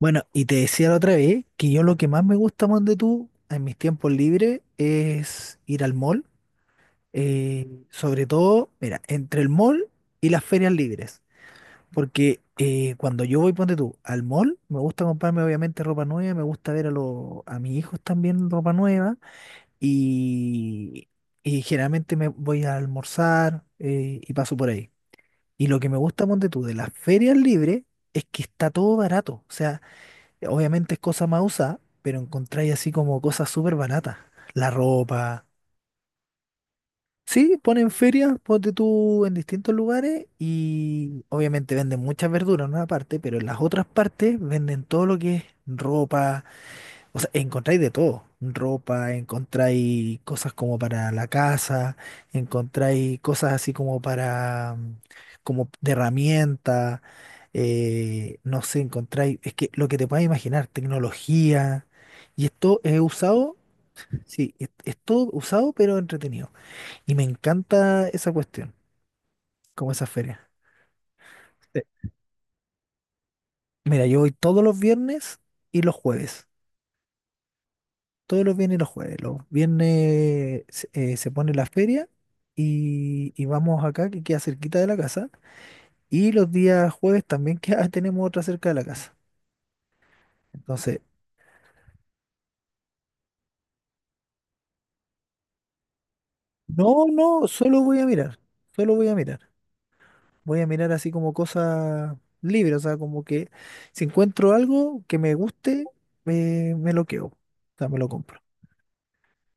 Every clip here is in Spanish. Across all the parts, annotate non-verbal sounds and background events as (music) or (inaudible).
Bueno, y te decía la otra vez que yo lo que más me gusta, de tú, en mis tiempos libres es ir al mall. Sobre todo, mira, entre el mall y las ferias libres. Porque cuando yo voy, ponte tú, al mall, me gusta comprarme obviamente ropa nueva, me gusta ver a mis hijos también ropa nueva. Y, y generalmente me voy a almorzar y paso por ahí. Y lo que me gusta, ponte tú, de las ferias libres es que está todo barato. O sea, obviamente es cosa más usada, pero encontráis así como cosas súper baratas. La ropa. Sí, ponen ferias, ponte tú en distintos lugares y obviamente venden muchas verduras en una parte, pero en las otras partes venden todo lo que es ropa. O sea, encontráis de todo. Ropa, encontráis cosas como para la casa, encontráis cosas así como para, como de herramienta, no sé, encontráis, es que lo que te puedas imaginar, tecnología. Y esto es usado, sí, es todo usado pero entretenido. Y me encanta esa cuestión, como esa feria. Sí. Mira, yo voy todos los viernes y los jueves. Todos los viernes y los jueves. Los viernes se pone la feria y vamos acá, que queda cerquita de la casa. Y los días jueves también queda, (laughs) tenemos otra cerca de la casa. Entonces, no, no, solo voy a mirar. Solo voy a mirar. Voy a mirar así como cosas libres, o sea, como que si encuentro algo que me guste, me lo quedo. O sea, me lo compro.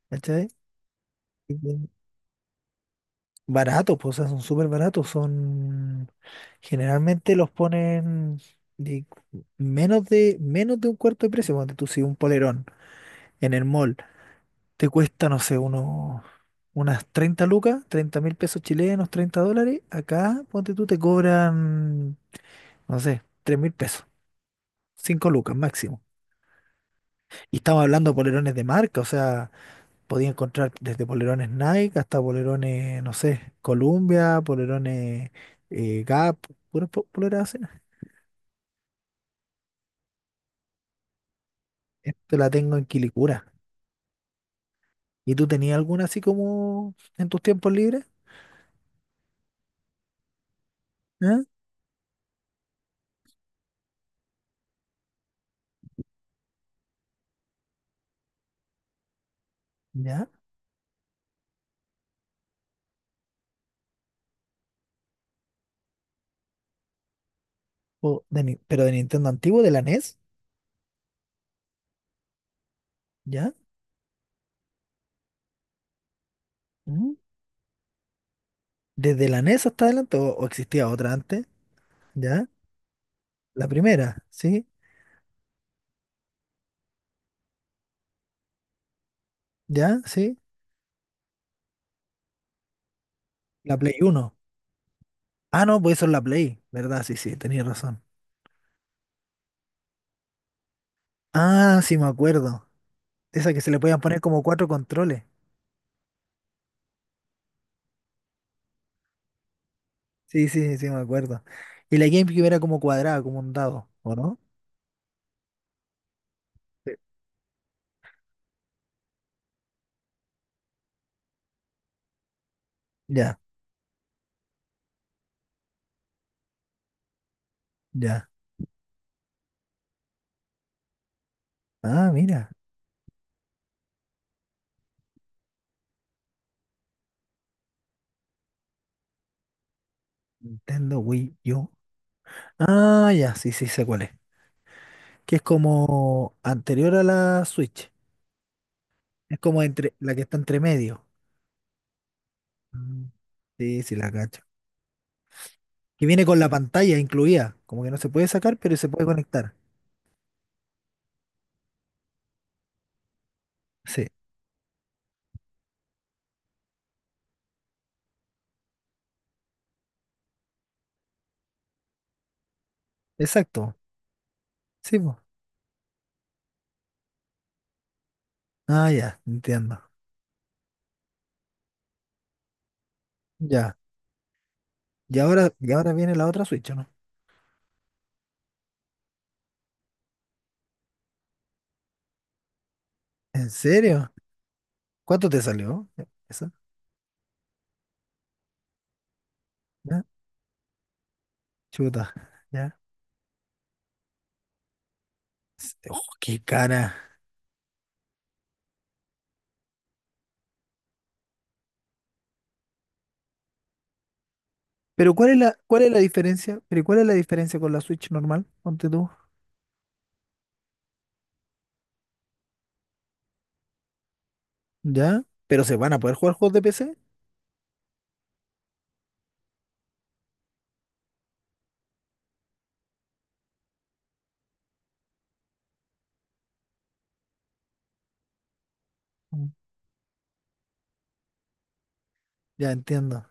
¿Cachai? Baratos, pues, o sea, son súper baratos. Son. Generalmente los ponen de menos de un cuarto de precio. Cuando tú si un polerón en el mall te cuesta, no sé, unos. Unas 30 lucas, 30.000 pesos chilenos, 30 dólares. Acá, ponte tú, te cobran, no sé, 3.000 pesos, 5 lucas máximo. Y estamos hablando de polerones de marca, o sea, podía encontrar desde polerones Nike hasta polerones, no sé, Columbia, polerones Gap, poleras así. Esto la tengo en Quilicura. ¿Y tú tenías alguna así como en tus tiempos libres? ¿Ah? ¿Ya? ¿O de Ni- ¿Pero de Nintendo antiguo, de la NES? ¿Ya? ¿Mm? ¿Desde la NES hasta adelante o existía otra antes? ¿Ya? La primera, ¿sí? ¿Ya? ¿Sí? La Play Uno. Ah, no, pues eso es la Play, ¿verdad? Sí, sí, tenías razón. Ah, sí, me acuerdo. Esa que se le podían poner como cuatro controles. Sí, sí, sí, me acuerdo. Y la GameCube era como cuadrada, como un dado, ¿o no? Sí. Ya, ya. Ah, mira. Nintendo Wii U. Ah, ya, sí, sí, sé cuál es. Que es como anterior a la Switch. Es como entre la que está entre medio. Mm, sí, sí, la cacho. Que viene con la pantalla incluida. Como que no se puede sacar, pero se puede conectar. Sí, exacto. Sí, pues. Ah, ya, entiendo. Ya. Y ahora viene la otra Switch, ¿o no? ¿En serio? ¿Cuánto te salió? ¿Esa? ¿Ya? Chuta, ya. S- Oh, qué cara. Pero cuál es la diferencia? Pero ¿cuál es la diferencia con la Switch normal? Ponte tú. ¿Ya? ¿Pero se van a poder jugar juegos de PC? Mm, ya entiendo.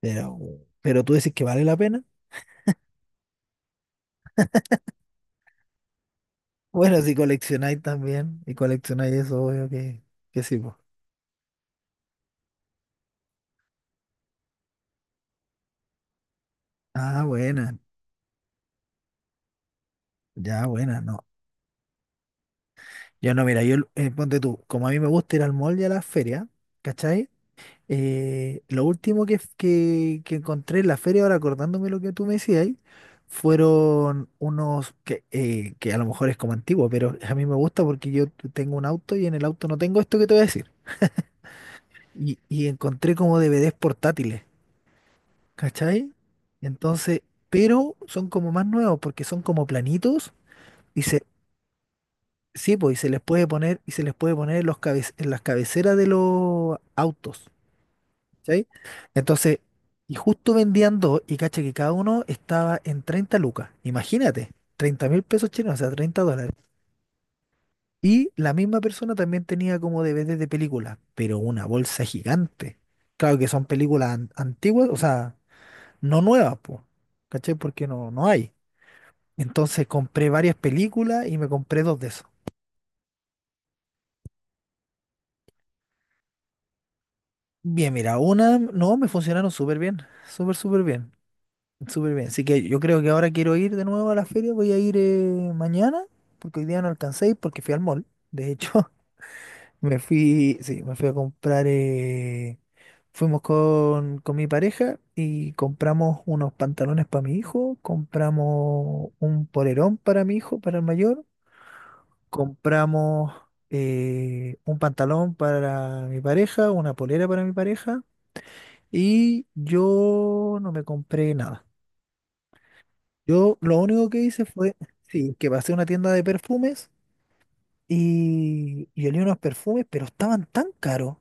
Pero, pero tú dices que vale la pena. Bueno, si coleccionáis también y coleccionáis eso, obvio que sí, pues. Ah, buena. Ya, buena, no. Yo no, mira, yo, ponte tú, como a mí me gusta ir al mall y a las ferias, ¿cachai? Lo último que encontré en la feria, ahora acordándome lo que tú me decías, ahí, fueron unos que a lo mejor es como antiguo, pero a mí me gusta porque yo tengo un auto y en el auto no tengo esto que te voy a decir. Y encontré como DVDs portátiles, ¿cachai? Entonces, pero son como más nuevos porque son como planitos y se, sí, pues, y se les puede poner en en las cabeceras de los autos. ¿Cachai? Entonces, y justo vendían dos y caché que cada uno estaba en 30 lucas. Imagínate, 30.000 pesos chilenos, o sea, 30 dólares. Y la misma persona también tenía como DVDs de películas, pero una bolsa gigante. Claro que son películas antiguas, o sea, no nuevas, pues, ¿cachai? Porque no, no hay. Entonces compré varias películas y me compré dos de esos. Bien, mira, una, no, me funcionaron súper bien. Súper bien. Así que yo creo que ahora quiero ir de nuevo a la feria. Voy a ir mañana, porque hoy día no alcancé a ir porque fui al mall. De hecho, (laughs) me fui, sí, me fui a comprar. Fuimos con mi pareja y compramos unos pantalones para mi hijo. Compramos un polerón para mi hijo, para el mayor. Compramos un pantalón para mi pareja, una polera para mi pareja. Y yo no me compré nada. Yo lo único que hice fue, sí, que pasé a una tienda de perfumes y olí unos perfumes, pero estaban tan caros,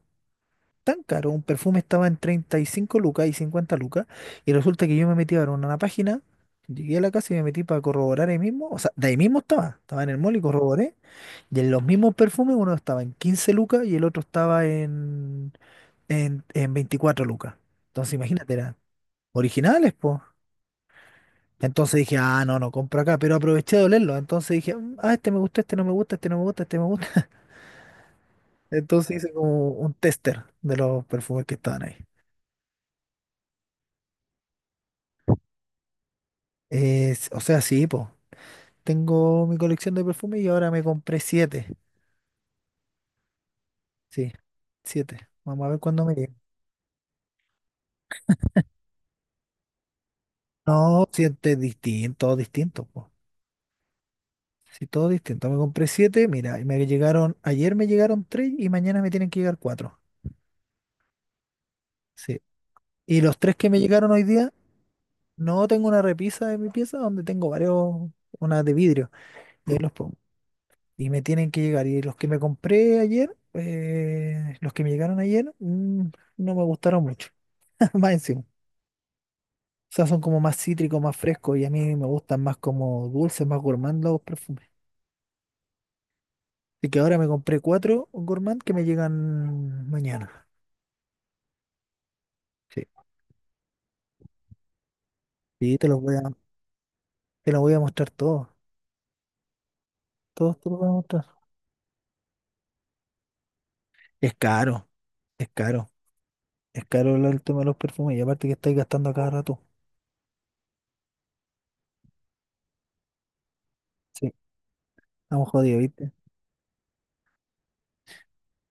tan caros. Un perfume estaba en 35 lucas y 50 lucas. Y resulta que yo me metí a ver una página, llegué a la casa y me metí para corroborar ahí mismo. O sea, de ahí mismo estaba, estaba en el mall y corroboré. Y en los mismos perfumes, uno estaba en 15 lucas y el otro estaba en, en 24 lucas. Entonces, imagínate, eran originales, pues. Entonces dije, ah, no, no compro acá, pero aproveché de olerlo. Entonces dije, "Mm, ah, este me gusta, este no me gusta, este no me gusta, este me gusta." (laughs) Entonces hice como un tester de los perfumes que estaban ahí. Es- o sea, sí, po. Tengo mi colección de perfumes y ahora me compré siete. Sí, siete. Vamos a ver cuándo me llegan. No, siete distintos, distintos, po. Sí, todo distinto. Me compré siete, mira, y me llegaron, ayer me llegaron tres y mañana me tienen que llegar cuatro. Sí. Y los tres que me llegaron hoy día, no, tengo una repisa de mi pieza donde tengo varios, una de vidrio, y ahí los pongo. Y me tienen que llegar. Y los que me compré ayer, los que me llegaron ayer, no me gustaron mucho. (laughs) Más encima. O sea, son como más cítricos, más frescos, y a mí me gustan más como dulces, más gourmand los perfumes. Así que ahora me compré cuatro gourmand que me llegan mañana. Sí. Y te los voy a, te los voy a mostrar todos. Todos te los voy a mostrar. Es caro, es caro. Es caro el tema de los perfumes, y aparte que estáis gastando a cada rato. Sí. Estamos jodidos, ¿viste?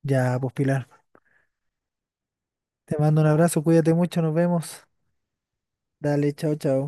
Ya, pues Pilar. Te mando un abrazo, cuídate mucho, nos vemos. Dale, chao, chao.